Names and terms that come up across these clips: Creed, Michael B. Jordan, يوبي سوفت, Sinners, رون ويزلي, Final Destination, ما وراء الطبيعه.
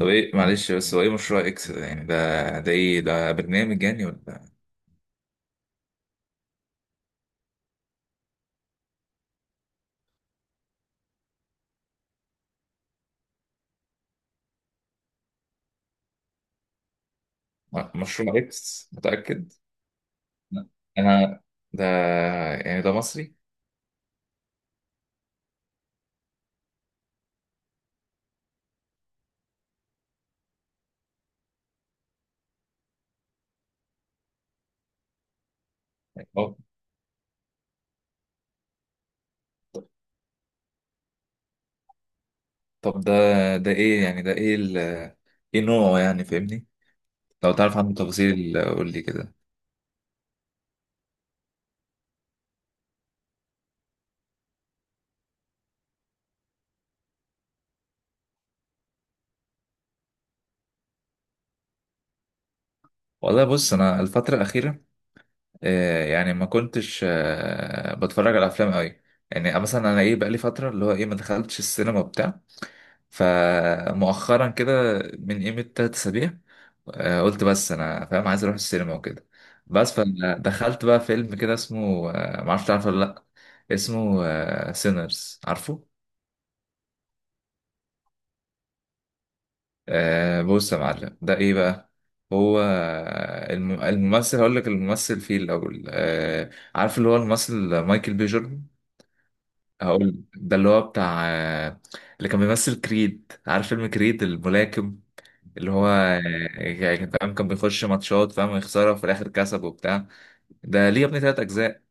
طب، ايه معلش، بس هو ايه مشروع اكس ده؟ يعني ده ده ايه؟ ده برنامج يعني ولا مشروع اكس؟ متأكد؟ لا. انا، ده يعني ده مصري؟ أه. طب ده ايه؟ يعني ده ايه ايه نوعه يعني، فاهمني؟ لو تعرف عنه تفاصيل قول لي كده. والله بص، انا الفترة الأخيرة يعني ما كنتش بتفرج على افلام قوي. يعني مثلا انا ايه، بقالي فترة اللي هو ايه ما دخلتش السينما وبتاع. فمؤخرا كده، من قيمة 3 أسابيع، قلت بس أنا فاهم عايز أروح السينما وكده. بس فدخلت بقى فيلم كده اسمه معرفش تعرفه ولا لأ. اسمه سينرز، عارفه؟ بص يا معلم، ده إيه بقى؟ هو الممثل، هقول لك الممثل فيه الأول، عارف اللي هو الممثل مايكل بي جوردن. هقول ده اللي هو بتاع اللي كان بيمثل كريد، عارف فيلم كريد الملاكم، اللي هو يعني كان فاهم، كان بيخش ماتشات، فاهم، ويخسرها وفي الاخر كسب وبتاع. ده ليه يا ابني 3 اجزاء.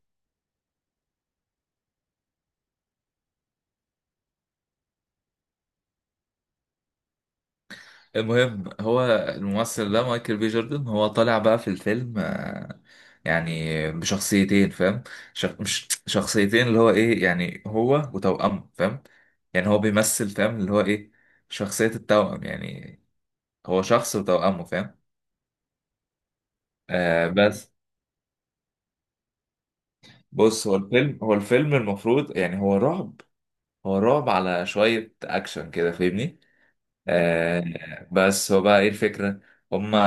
المهم، هو الممثل ده مايكل بي جوردن هو طالع بقى في الفيلم يعني بشخصيتين، فاهم. مش شخصيتين، اللي هو ايه يعني هو وتوأمه، فاهم. يعني هو بيمثل، فاهم، اللي هو ايه شخصية التوأم يعني. هو شخص وتوأمه، فاهم. بس، بص، هو الفيلم المفروض يعني هو رعب. هو رعب على شوية أكشن كده، فاهمني. آه، بس هو بقى ايه الفكرة؟ هما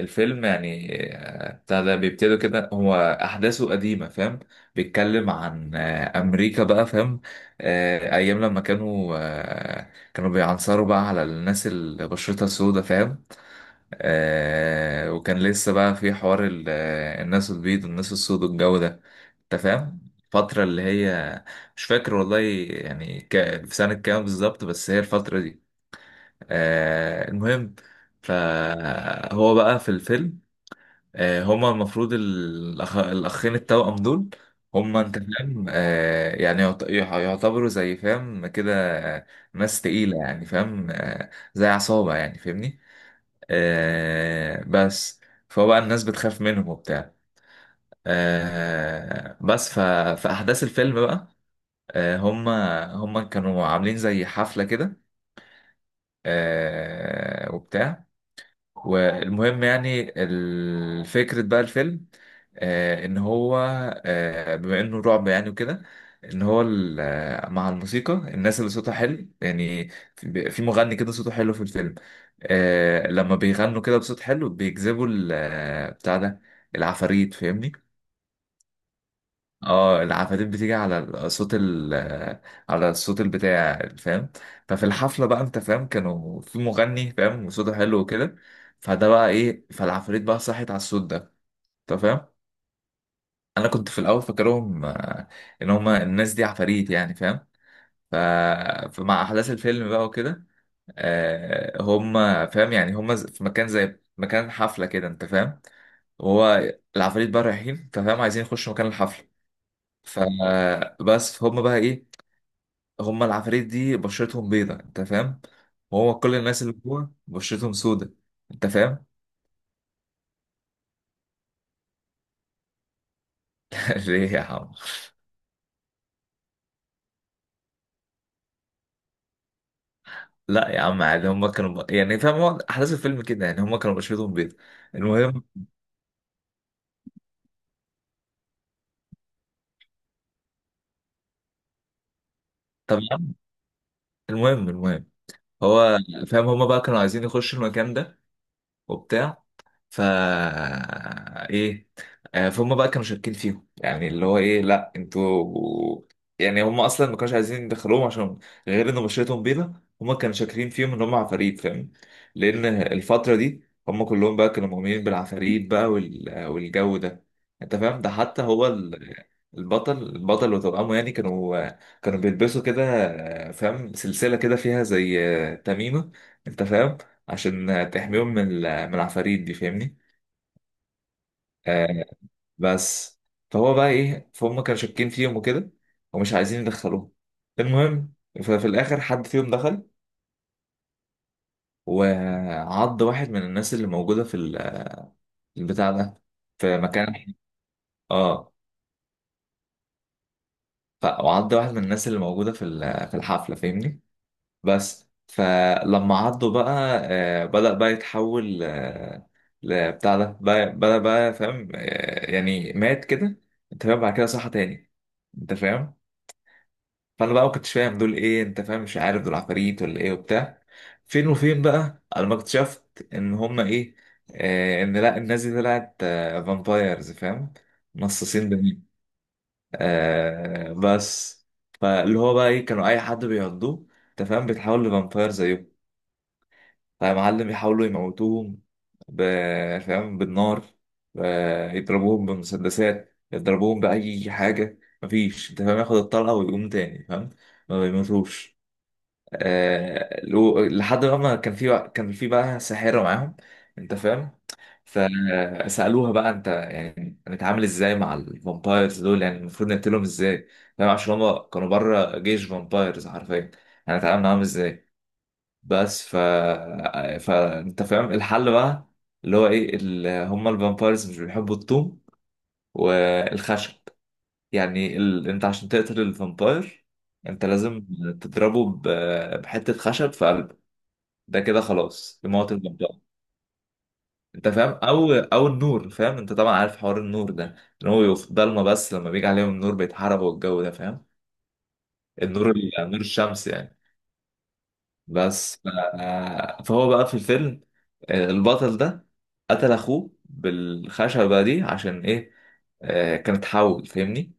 الفيلم يعني بتاع ده بيبتدوا كده، هو أحداثه قديمة، فاهم. بيتكلم عن أمريكا بقى، فاهم. أيام لما كانوا بيعنصروا بقى على الناس اللي بشرتها سودة، فاهم. وكان لسه بقى في حوار الناس البيض والناس السود والجو ده. أنت فاهم الفترة اللي هي، مش فاكر والله، يعني في سنة كام بالظبط، بس هي الفترة دي. المهم، فهو بقى في الفيلم، هما المفروض الأخين التوأم دول، هما أنت فاهم، يعني يعتبروا زي، فاهم، كده، آه، ناس تقيلة يعني، فاهم، زي عصابة يعني، فاهمني. بس، فهو بقى الناس بتخاف منهم وبتاع. بس في أحداث الفيلم بقى، هما كانوا عاملين زي حفلة كده، وبتاع. والمهم يعني الفكرة بقى الفيلم، ان هو، بما انه رعب يعني وكده، ان هو مع الموسيقى، الناس اللي صوتها حلو يعني، في مغني كده صوته حلو في الفيلم. لما بيغنوا كده بصوت حلو بيجذبوا بتاع ده، العفاريت، فاهمني. اه، العفاريت بتيجي على صوت على الصوت البتاع يعني، فاهم. ففي الحفله بقى، انت فاهم، كانوا في مغني، فاهم، وصوته حلو وكده. فده بقى ايه، فالعفاريت بقى صحت على الصوت ده، انت فاهم. انا كنت في الاول فاكرهم ان هما الناس دي عفاريت يعني، فاهم. ف... فمع احداث الفيلم بقى وكده، هما فاهم، يعني هما في مكان زي مكان حفله كده، انت فاهم، وهو العفاريت بقى رايحين، انت فاهم، عايزين يخشوا مكان الحفله. فبس هم بقى ايه، هما العفاريت دي بشرتهم بيضة، انت فاهم، وهو كل الناس اللي جوه بشرتهم سودة، انت فاهم. ليه يا عم؟ لا يا عم، عادي، هما كانوا يعني فاهم، هو احداث الفيلم كده يعني، هما كانوا بشرتهم بيضة. المهم. طب يا عم، المهم. هو فاهم، هما بقى كانوا عايزين يخشوا المكان ده وبتاع، فا ايه، فهم بقى كانوا شاكين فيهم يعني اللي هو ايه، لا انتوا، يعني هم اصلا ما كانوش عايزين يدخلوهم عشان غير ان بشرتهم بيضة. هم كانوا شاكرين فيهم ان هم عفاريت، فاهم، لان الفترة دي هم كلهم بقى كانوا مؤمنين بالعفاريت بقى والجو ده. انت فاهم، ده حتى هو البطل، وتوأمه يعني، كانوا بيلبسوا كده، فاهم، سلسلة كده فيها زي تميمة، انت فاهم، عشان تحميهم من العفاريت دي، فاهمني. آه بس، فهو بقى ايه، فهم كانوا شاكين فيهم وكده ومش عايزين يدخلوهم. المهم، ففي الاخر حد فيهم دخل وعض واحد من الناس اللي موجوده البتاع ده، في مكان، اه، وعض واحد من الناس اللي موجوده في الحفله، فاهمني. بس فلما عضه بقى، بدأ بقى يتحول، بدأ بقى، فاهم، يعني مات كده، انت فاهم، بعد كده صحى تاني، انت فاهم. فانا بقى ما كنتش فاهم دول ايه، انت فاهم، مش عارف دول عفاريت ولا ايه وبتاع. فين وفين بقى انا ما اكتشفت ان هما ايه، ان لا الناس دي طلعت، فامبايرز، فاهم، نصاصين دمين. بس، فاللي هو بقى ايه، كانوا اي حد بيعضوه، انت فاهم، بيتحول لفامباير زيهم. فمعلم يحاولوا يموتوهم فاهم، بالنار، يضربوهم بمسدسات، يضربوهم بأي حاجة، مفيش انت فاهم ياخد الطلقة ويقوم تاني، فاهم، ما بيموتوش. لحد ما كان في بقى، ساحرة معاهم، انت فاهم. فسألوها بقى انت، يعني نتعامل ازاي مع الفامبايرز دول، يعني المفروض نقتلهم ازاي؟ فاهم، عشان هما كانوا بره جيش فامبايرز حرفيا، يعني نتعامل معاهم ازاي؟ بس فانت فاهم الحل بقى، اللي هو ايه هما الفامبايرز مش بيحبوا الطوم والخشب. يعني انت عشان تقتل الفامباير انت لازم تضربه بحتة خشب في قلبه. ده كده خلاص يموت الفامباير. انت فاهم، او النور، فاهم، انت طبعا عارف حوار النور ده، ان هو يقف ضلمه، بس لما بيجي عليهم النور بيتحرقوا والجو ده، فاهم. النور نور الشمس يعني. بس فهو بقى في الفيلم، البطل ده قتل اخوه بالخشبة دي، عشان ايه؟ كانت حول، فاهمني.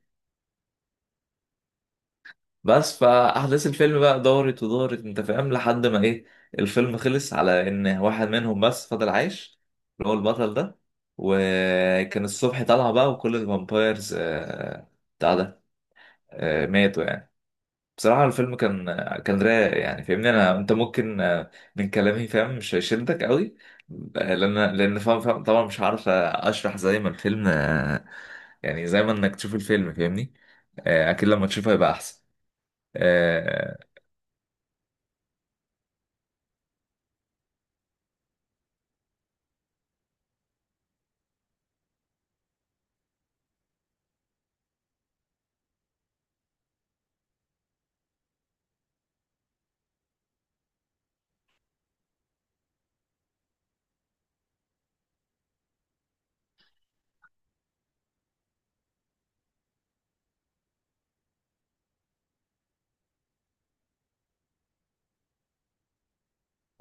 بس فاحداث الفيلم بقى دارت ودارت، انت فاهم، لحد ما ايه، الفيلم خلص على ان واحد منهم بس فضل عايش، اللي هو البطل ده. وكان الصبح طالع بقى وكل الفامبايرز بتاع ده، ماتوا يعني. بصراحة الفيلم كان رايق يعني، فاهمني، انت ممكن من كلامي، فاهم، مش هيشدك قوي، لان فاهم، طبعا مش عارف اشرح زي ما الفيلم، يعني زي ما انك تشوف الفيلم، فاهمني. اكيد لما تشوفه هيبقى احسن. اه،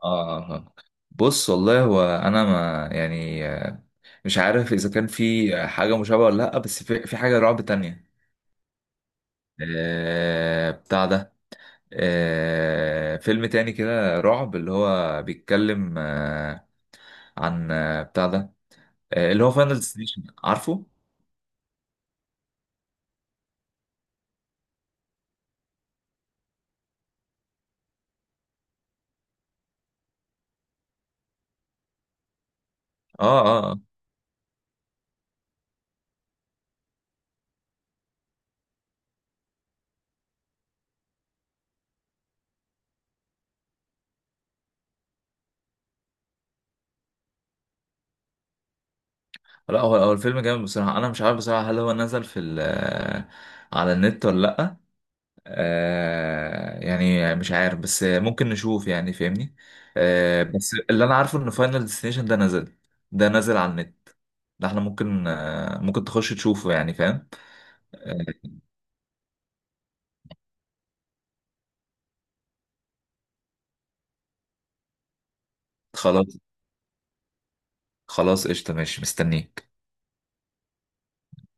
آه، آه. آه. بص، والله هو انا ما يعني مش عارف اذا كان في حاجة مشابهة ولا لا، بس في حاجة رعب تانية، بتاع ده، فيلم تاني كده رعب اللي هو بيتكلم عن بتاع ده، اللي هو فاينل ديستنيشن، عارفه؟ اه، اه، آه. لا، هو الفيلم جامد بصراحة، أنا مش عارف بصراحة هل هو نزل في ال آه، على النت ولا لأ. يعني مش عارف بس ممكن نشوف يعني، فاهمني. بس، اللي أنا عارفه إن فاينل ديستنيشن ده نزل، على النت. ده احنا ممكن، تخش تشوفه يعني، فاهم. آه خلاص، خلاص، قشطة، ماشي، مستنيك.